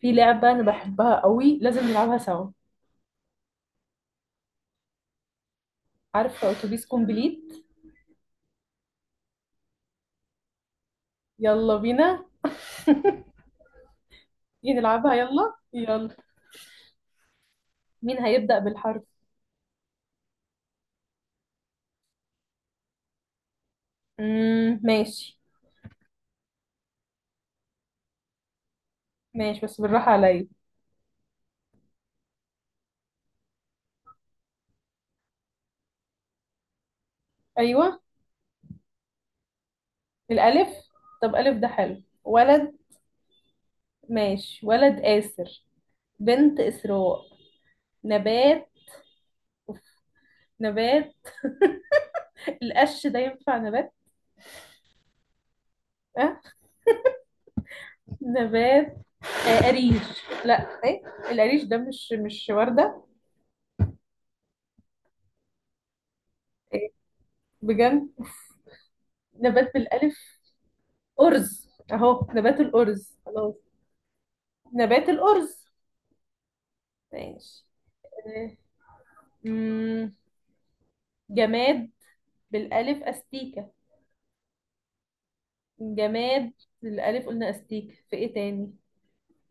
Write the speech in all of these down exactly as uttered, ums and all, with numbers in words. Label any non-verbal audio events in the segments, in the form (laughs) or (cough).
في لعبة أنا بحبها قوي، لازم نلعبها سوا. عارفة أتوبيس كومبليت؟ يلا بينا، نيجي نلعبها. يلا يلا. مين هيبدأ بالحرف؟ مم. ماشي. ماشي، بس بالراحة عليا. أيوة. الألف. طب ألف ده حلو ولد. ماشي، ولد آسر. بنت إسراء. نبات. نبات، القش ده ينفع نبات؟ أه؟ نبات. آه، قريش؟ لا، ايه؟ القريش ده مش مش وردة؟ ايه، بجد؟ نبات بالألف. أرز، أهو نبات، الأرز خلاص. نبات الأرز. ماشي. أمم، جماد بالألف، أستيكة. جماد بالألف، قلنا أستيكة، في إيه تاني؟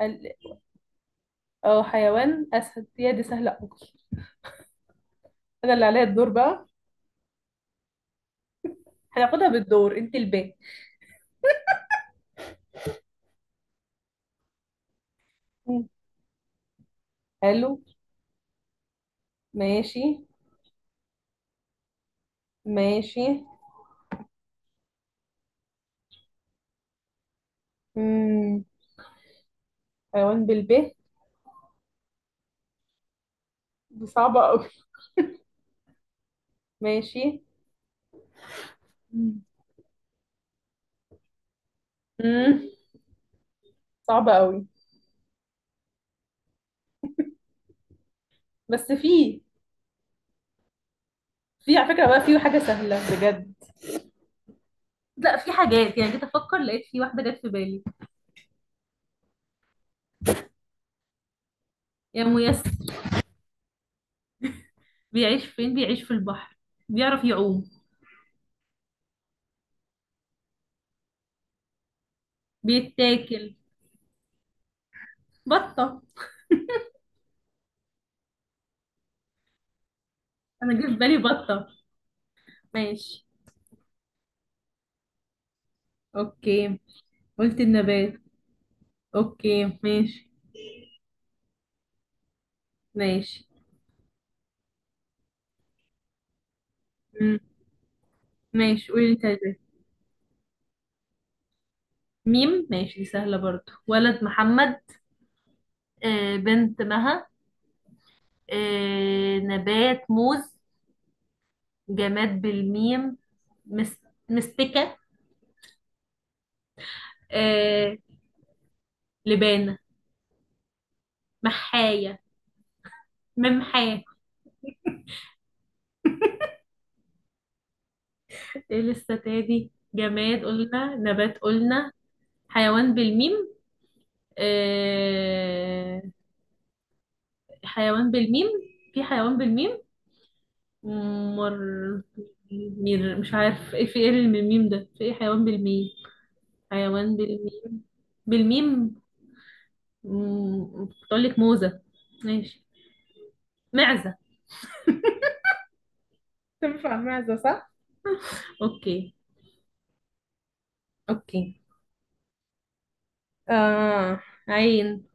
ال- اه، حيوان أسد، يا دي سهلة أوي. أنا اللي عليا الدور بقى. هناخدها بالدور، أنت الباء. مم. حلو. ماشي. ماشي. مم. حيوان بالباء، دي صعبة أوي. ماشي. مم. مم. صعبة أوي، بس فيه. في، على فكرة بقى، في حاجة سهلة بجد. لا، في حاجات، يعني جيت افكر لقيت، في واحده جت في بالي. يا ميسر. بيعيش فين؟ بيعيش في البحر. بيعرف يعوم. بيتاكل. بطه. انا جه في بالي بطه. ماشي. اوكي. قلت النبات. اوكي، ماشي. ماشي. مم. ماشي، قولي انت عايزة إيه. ميم، ماشي، دي سهله برضو. ولد محمد. آه، بنت مها. آه، نبات موز. جماد بالميم. مس... مستكه. آه، لبانة. محاية. ممحاة. ايه لسه تاني؟ جماد قلنا، نبات قلنا. حيوان بالميم. آه... حيوان بالميم. في حيوان بالميم. مر. مير، مش عارف ايه، في ايه اللي من الميم ده؟ في ايه حيوان بالميم. حيوان بالميم. بالميم. مم، كنت اقول لك موزة. ماشي. معزة. تنفع معزة صح؟ اوكي. اوكي. آه، عين.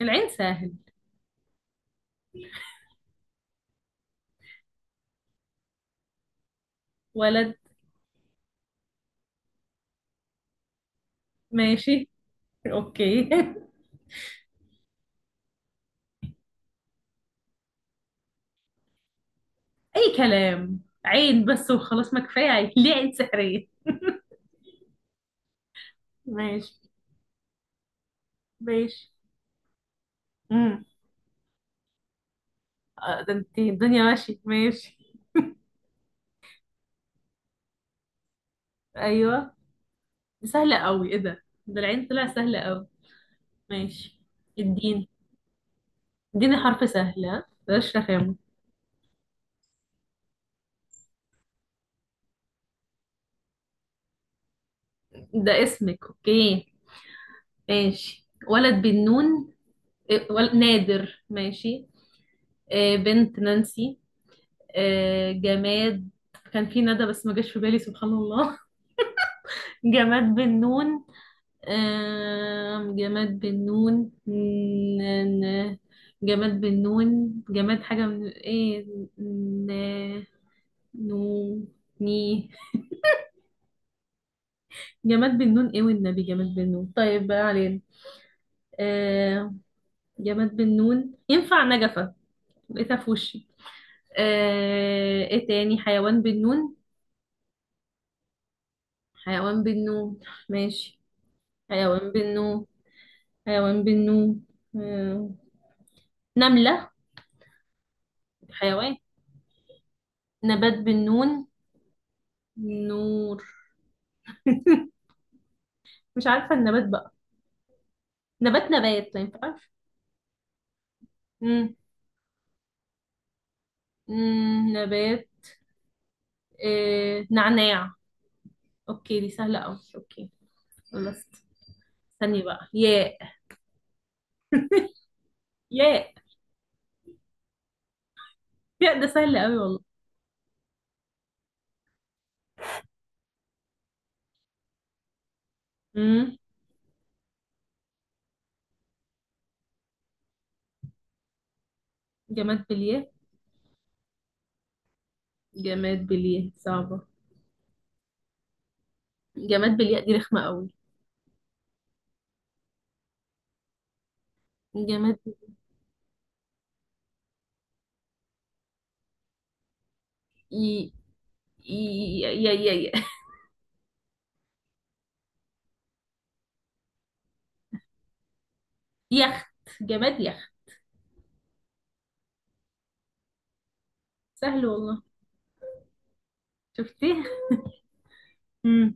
العين سهل. ولد. ماشي. اوكي. (laughs) اي كلام. عين بس وخلاص، ما كفايه عين، ليه عين سحريه. ماشي. ماشي. امم آه، ده انت الدنيا، ماشي ماشي. ايوه، دي سهله قوي. ايه ده ده العين؟ طلع سهله قوي. ماشي. الدين. اديني حرف سهل، ها، بلاش رخامه. ده اسمك، اوكي. ماشي. ولد بالنون. إيه، ول- نادر، ماشي. آه، بنت نانسي. آه، جماد. كان في ندى، بس ما جاش في بالي، سبحان الله. جماد بالنون. آم، جماد بالنون. ن- ن- جماد بالنون، جماد حاجة من ايه؟ ن... نو ني جماد بالنون، ايه والنبي، جماد بالنون، طيب بقى علينا. آم، جماد بالنون ينفع نجفة. لقيتها في وشي. آه، ايه تاني؟ حيوان بالنون. حيوان بالنون. ماشي. حيوان بالنون. حيوان بالنون. آه، نملة. حيوان. نبات بالنون. نور. مش عارفة النبات بقى. نبات نبات ما ينفعش. مم. مم. نبات. آه، نعناع. اوكي، دي سهلة اوي، اوكي. خلصت. استني بقى، ياء. ياء. ياء ده سهل اوي والله. مم. جماد بالياء. جماد بالياء صعبة. جماد بالياء، دي رخمة اوي. جماد بال- ي... ي... ي... ي... ي... يخت. جماد يخت. سهل والله. شفتيه. مم.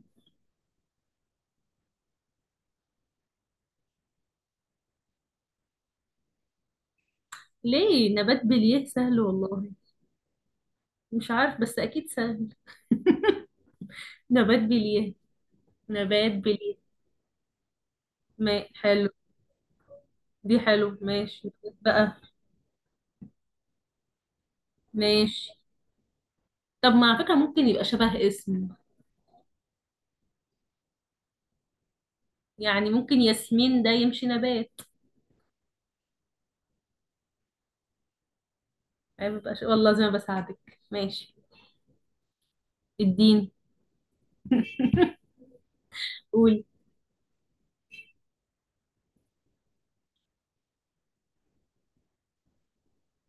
ليه؟ نبات بالياء سهل والله. مش عارف بس اكيد سهل. نبات بليه. نبات بليه. ما حلو. دي حلو، ماشي، نبات بقى. ماشي. طب ما على فكرة ممكن يبقى شبه اسم. يعني ممكن ياسمين ده يمشي نبات. عيب يبقى ش... والله، زي ما بساعدك. ماشي. اديني. قولي.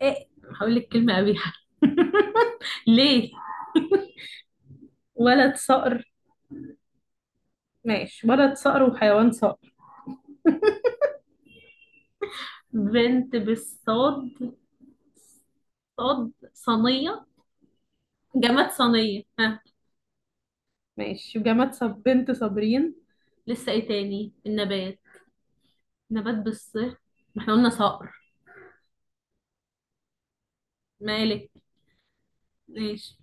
ايه. هقول لك كلمة قبيحة. (laughs) ليه. ولد صقر. ماشي، ولد صقر وحيوان صقر. بنت بالصاد، صاد صينية. جماد صينية، ها. ماشي، وجماد صب بنت صابرين. لسه ايه تاني النبات؟ نبات بالص، ما احنا قلنا صقر مالك. ماشي.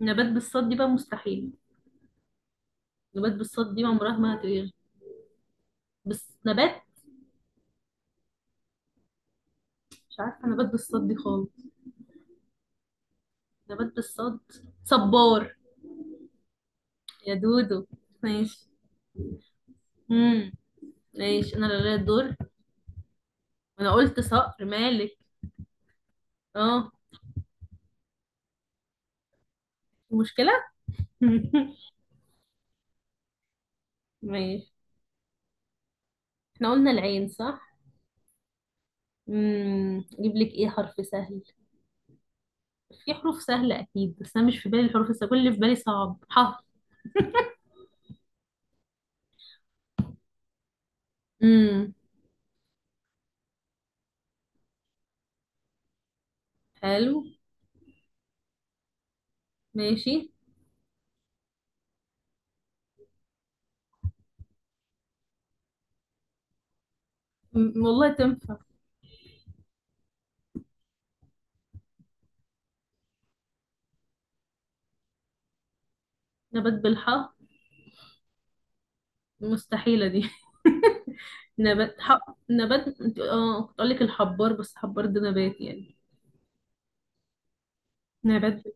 نبات بالصاد دي بقى مستحيل. نبات بالصاد دي عمرها ما هتغير. بس نبات. مش عارفة نبات بالصاد دي خالص. نبات بالصاد. صبار. يا دودو. ماشي. امم ماشي، انا اللي ليا الدور. انا قلت صقر مالك. اه، مشكلة. (laughs) ماشي. احنا قلنا العين، صح. امم اجيب لك ايه حرف سهل؟ في حروف سهلة أكيد، بس أنا مش في بالي الحروف السهلة، كل اللي في بالي صعب. ح. امم حلو. ماشي. م- والله تنفع. نبات بالحاء، مستحيلة دي. (laughs) نبات حق نبات، انت- اه كنت أقول لك الحبار، بس حبار ده نبات يعني. نبات بال-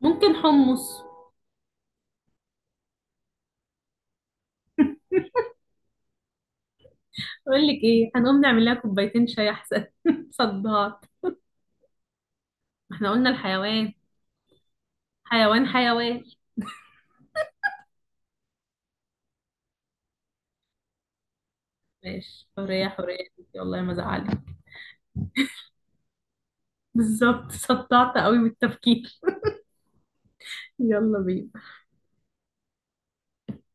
ممكن حمص. أقول لك إيه؟ هنقوم نعمل لها كوبايتين شاي أحسن. (laughs) صدعت. ما احنا قلنا الحيوان. حيوان حيوان. ماشي. حرية حرية. والله ما زعلت. بالظبط صدعت قوي بالتفكير. (laughs) يلا بينا.